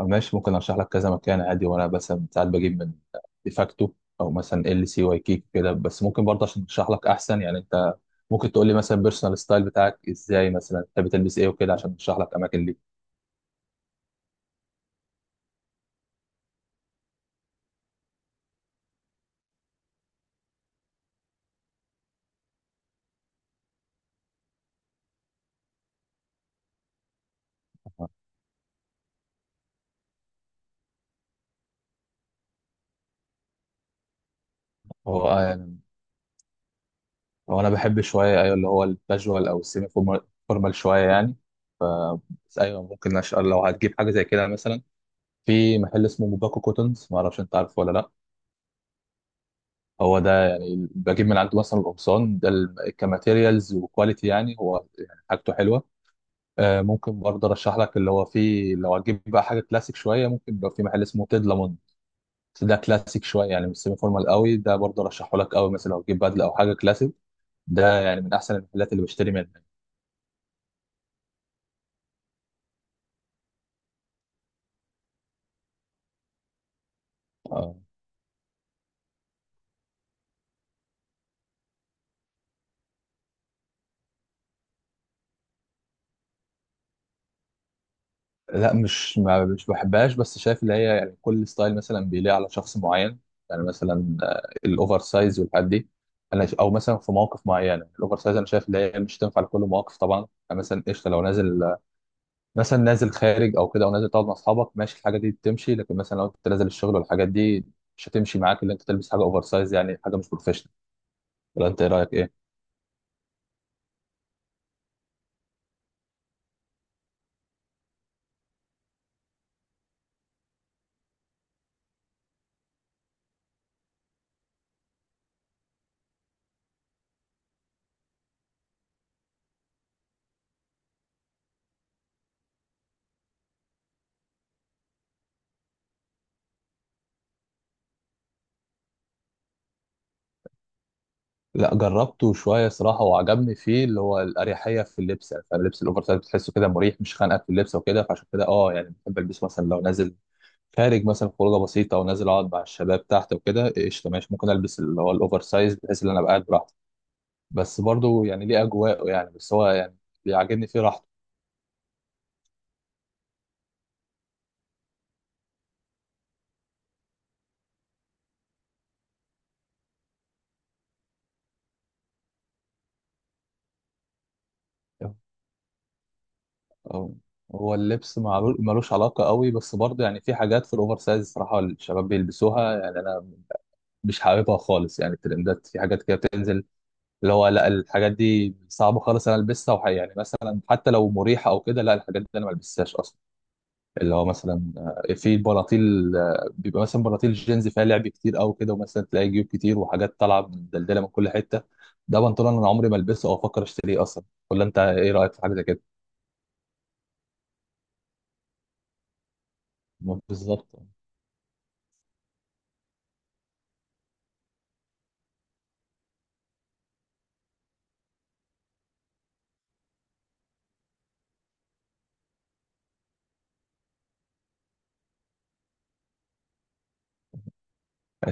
أو ماشي، ممكن ارشح لك كذا مكان عادي. وانا بس ساعات بجيب من ديفاكتو او مثلا ال سي واي كيك كده. بس ممكن برضه عشان ارشح لك احسن، يعني انت ممكن تقول لي مثلا بيرسونال ستايل بتاعك ازاي، مثلا بتحب تلبس ايه وكده، عشان ارشح لك اماكن ليك. هو آه يعني هو انا بحب شويه، ايوه اللي هو الكاجوال او السيمي فورمال شويه يعني. بس ايوه، ممكن لو هتجيب حاجه زي كده، مثلا في محل اسمه موباكو كوتنز، ما اعرفش انت عارفه ولا لا. هو ده يعني بجيب من عنده مثلا القمصان ده، كماتيريالز وكواليتي يعني، هو يعني حاجته حلوه. آه، ممكن برضه ارشح لك اللي هو فيه، لو هتجيب بقى حاجه كلاسيك شويه، ممكن يبقى في محل اسمه تيد لامون. بس ده كلاسيك شويه يعني، مش سيمي فورمال قوي. ده برضه رشحه لك قوي، مثلا لو تجيب بدله او حاجه كلاسيك، ده يعني من احسن المحلات اللي بشتري منها. آه. لا، مش بحبهاش، بس شايف اللي هي يعني كل ستايل مثلا بيليق على شخص معين. يعني مثلا آه، الاوفر سايز والحاجات دي، انا او مثلا في مواقف معينه الاوفر سايز، انا شايف اللي هي مش تنفع لكل مواقف طبعا. يعني مثلا قشطه، لو نازل مثلا نازل خارج او كده، او نازل تقعد مع اصحابك، ماشي الحاجه دي بتمشي. لكن مثلا لو انت نازل الشغل والحاجات دي، مش هتمشي معاك اللي انت تلبس حاجه اوفر سايز، يعني حاجه مش بروفيشنال. ولا انت ايه رايك ايه؟ لا، جربته شويه صراحه وعجبني فيه اللي هو الاريحيه في اللبس، يعني فاهم، اللبس الاوفر سايز بتحسه كده مريح، مش خانقك في اللبس وكده. فعشان كده اه يعني بحب البسه، مثلا لو نازل خارج مثلا خروجه بسيطه ونازل اقعد مع الشباب تحت وكده، قشطه ماشي، ممكن البس اللي هو الاوفر سايز، بحيث ان انا ابقى قاعد براحتي. بس برضه يعني ليه اجواءه يعني، بس هو يعني بيعجبني فيه راحته. أو، هو اللبس ملوش علاقة قوي، بس برضه يعني في حاجات في الأوفر سايز صراحة الشباب بيلبسوها، يعني أنا مش حاببها خالص. يعني الترندات في حاجات كده بتنزل اللي هو لا، الحاجات دي صعبة خالص أنا ألبسها، يعني مثلا حتى لو مريحة أو كده، لا الحاجات دي أنا ما ألبسهاش أصلا. اللي هو مثلا آه، في بناطيل آه، بيبقى مثلا بناطيل جينز فيها لعب كتير أو كده، ومثلا تلاقي جيوب كتير وحاجات طالعة مدلدلة من كل حتة. ده بنطلون أنا عمري ما ألبسه أو أفكر أشتريه أصلا. ولا أنت إيه رأيك في حاجة زي كده؟ بالظبط.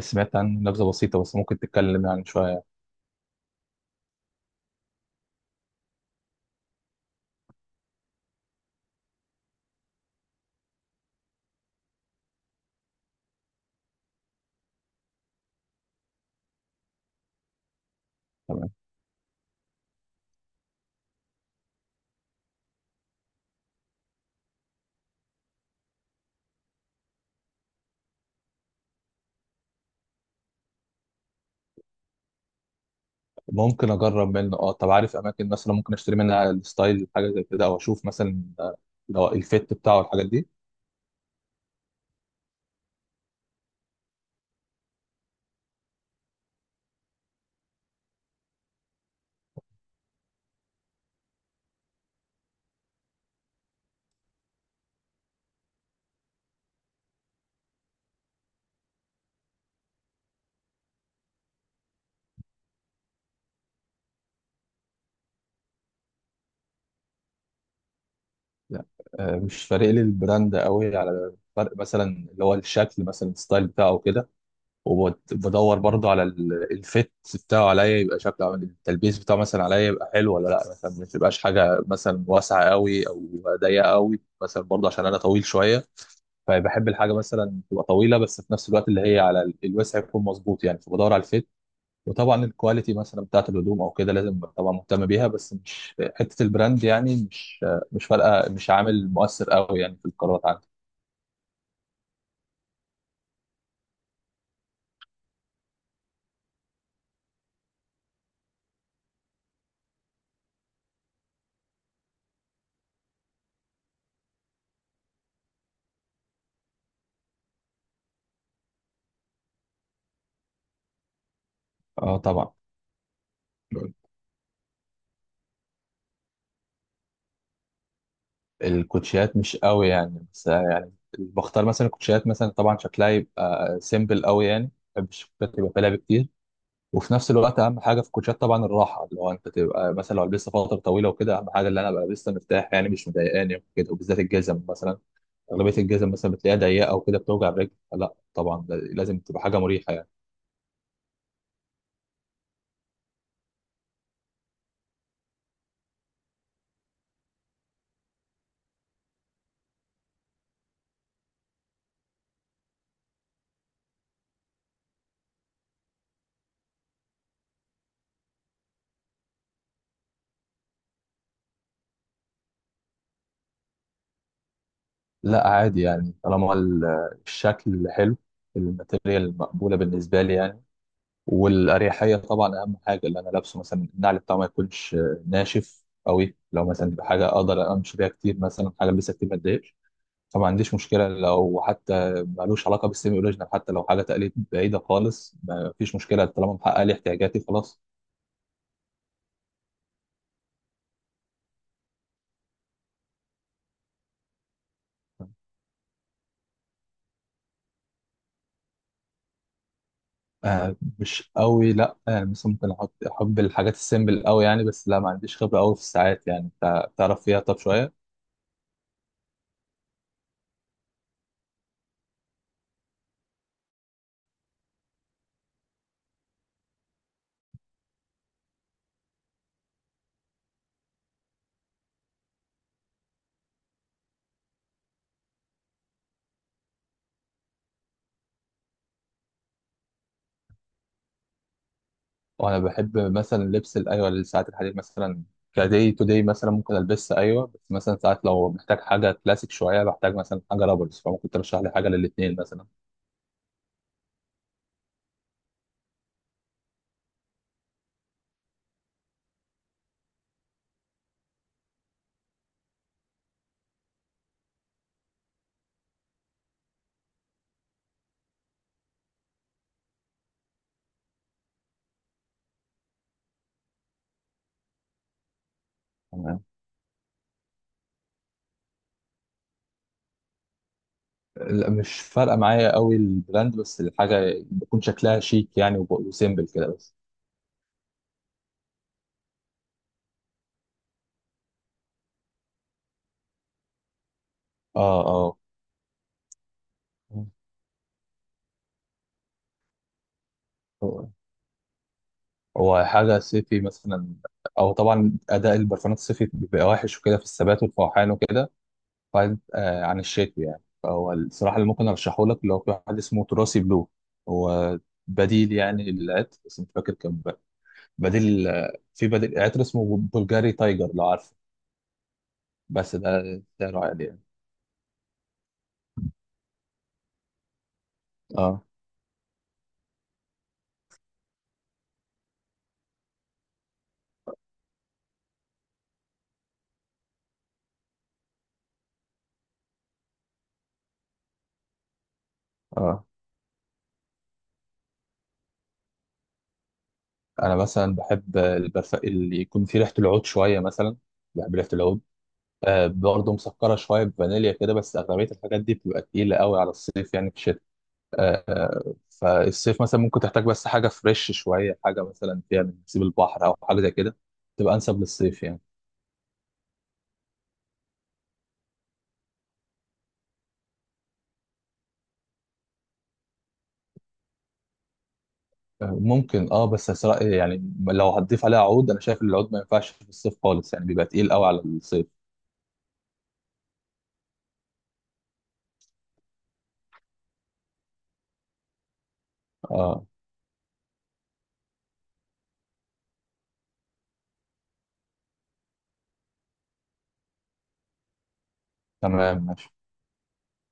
سمعت عن نبذة بسيطة، بس ممكن تتكلم يعني شوية. تمام. ممكن أجرب منه. أه، طب عارف أماكن مثلا ممكن أشتري منها الستايل حاجة زي كده، أو أشوف مثلا آه، لو الفيت بتاعه الحاجات دي. لا آه، مش فارق لي البراند قوي، على فرق مثلا اللي هو الشكل مثلا الستايل بتاعه كده. وبدور برضه على الفيت بتاعه عليا، يبقى شكله عامل التلبيس بتاعه مثلا عليا يبقى حلو ولا لا، مثلا ما تبقاش حاجة مثلا واسعة قوي أو ضيقة قوي. مثلا برضه عشان أنا طويل شوية، فبحب الحاجه مثلا تبقى طويله، بس في نفس الوقت اللي هي على الوسع يكون مظبوط يعني، فبدور على الفيت. وطبعا الكواليتي مثلا بتاعت الهدوم او كده لازم طبعا مهتم بيها، بس مش حته البراند يعني، مش فارقه، مش عامل مؤثر قوي يعني في القرارات عندي. اه طبعا. الكوتشيات مش قوي يعني، بس يعني بختار مثلا الكوتشيات مثلا، طبعا شكلها يبقى سيمبل قوي يعني، ما بحبش الكوتشيات يبقى فيها لعب كتير. وفي نفس الوقت اهم حاجه في الكوتشات طبعا الراحه، اللي هو انت تبقى مثلا لو لبست فتره طويله وكده، اهم حاجه اللي انا ابقى لسه مرتاح، يعني مش مضايقاني وكده. وبالذات الجزم مثلا، اغلبيه الجزم مثلا بتلاقيها ضيقه وكده بتوجع الرجل، لا طبعا لازم تبقى حاجه مريحه يعني. لا عادي يعني، طالما الشكل حلو، الماتيريال المقبوله بالنسبه لي يعني. والاريحيه طبعا اهم حاجه، اللي انا لابسه مثلا النعل بتاعه ما يكونش ناشف قوي، لو مثلا تبقى حاجه اقدر امشي بيها كتير، مثلا حاجه لسه كتير ما تضايقش. فما عنديش مشكلة، لو حتى مالوش علاقة بالسيمي أوريجينال، حتى لو حاجة تقليد بعيدة خالص ما فيش مشكلة، طالما محقق لي احتياجاتي خلاص. آه مش قوي. لا آه، مثلا ممكن أحط، أحب الحاجات السيمبل قوي يعني، بس لا ما عنديش خبرة قوي في الساعات، يعني أنت تعرف فيها طب شوية. وأنا بحب مثلا لبس أيوة الساعات الحديد مثلا كداي تو داي مثلا ممكن ألبسها، أيوة. بس مثلا ساعات لو محتاج حاجة كلاسيك شوية، بحتاج مثلا حاجة رابرز، فممكن ترشح لي حاجة للاتنين مثلا. لا، مش فارقه معايا قوي البراند، بس الحاجه بتكون شكلها شيك يعني وسيمبل كده بس. اه اه. هو هو حاجه صيفي مثلا، او طبعا اداء البرفانات الصيفي بيبقى وحش وكده في الثبات والفوحان وكده، بعيد آه عن الشتوي يعني. فهو الصراحه اللي ممكن ارشحه لك اللي هو في واحد اسمه تراثي بلو، هو بديل يعني للعطر. بس مش فاكر كان بديل آه، في بديل عطر اسمه بلغاري تايجر، لو عارفه. بس ده سعره عالي يعني. اه اه. انا مثلا بحب اللي يكون فيه ريحه العود شويه مثلا، بحب ريحه العود. آه برضه مسكره شويه بفانيليا كده، بس اغلبيه الحاجات دي بتبقى تقيله قوي على الصيف يعني، في الشتاء. آه فالصيف مثلا ممكن تحتاج بس حاجه فريش شويه، حاجه مثلا فيها من نسيب البحر او حاجه زي كده، تبقى انسب للصيف يعني. آه ممكن اه، بس أسرع يعني لو هتضيف عليها عود انا شايف إن العود ما ينفعش في الصيف خالص يعني، بيبقى تقيل قوي على الصيف. اه تمام ماشي.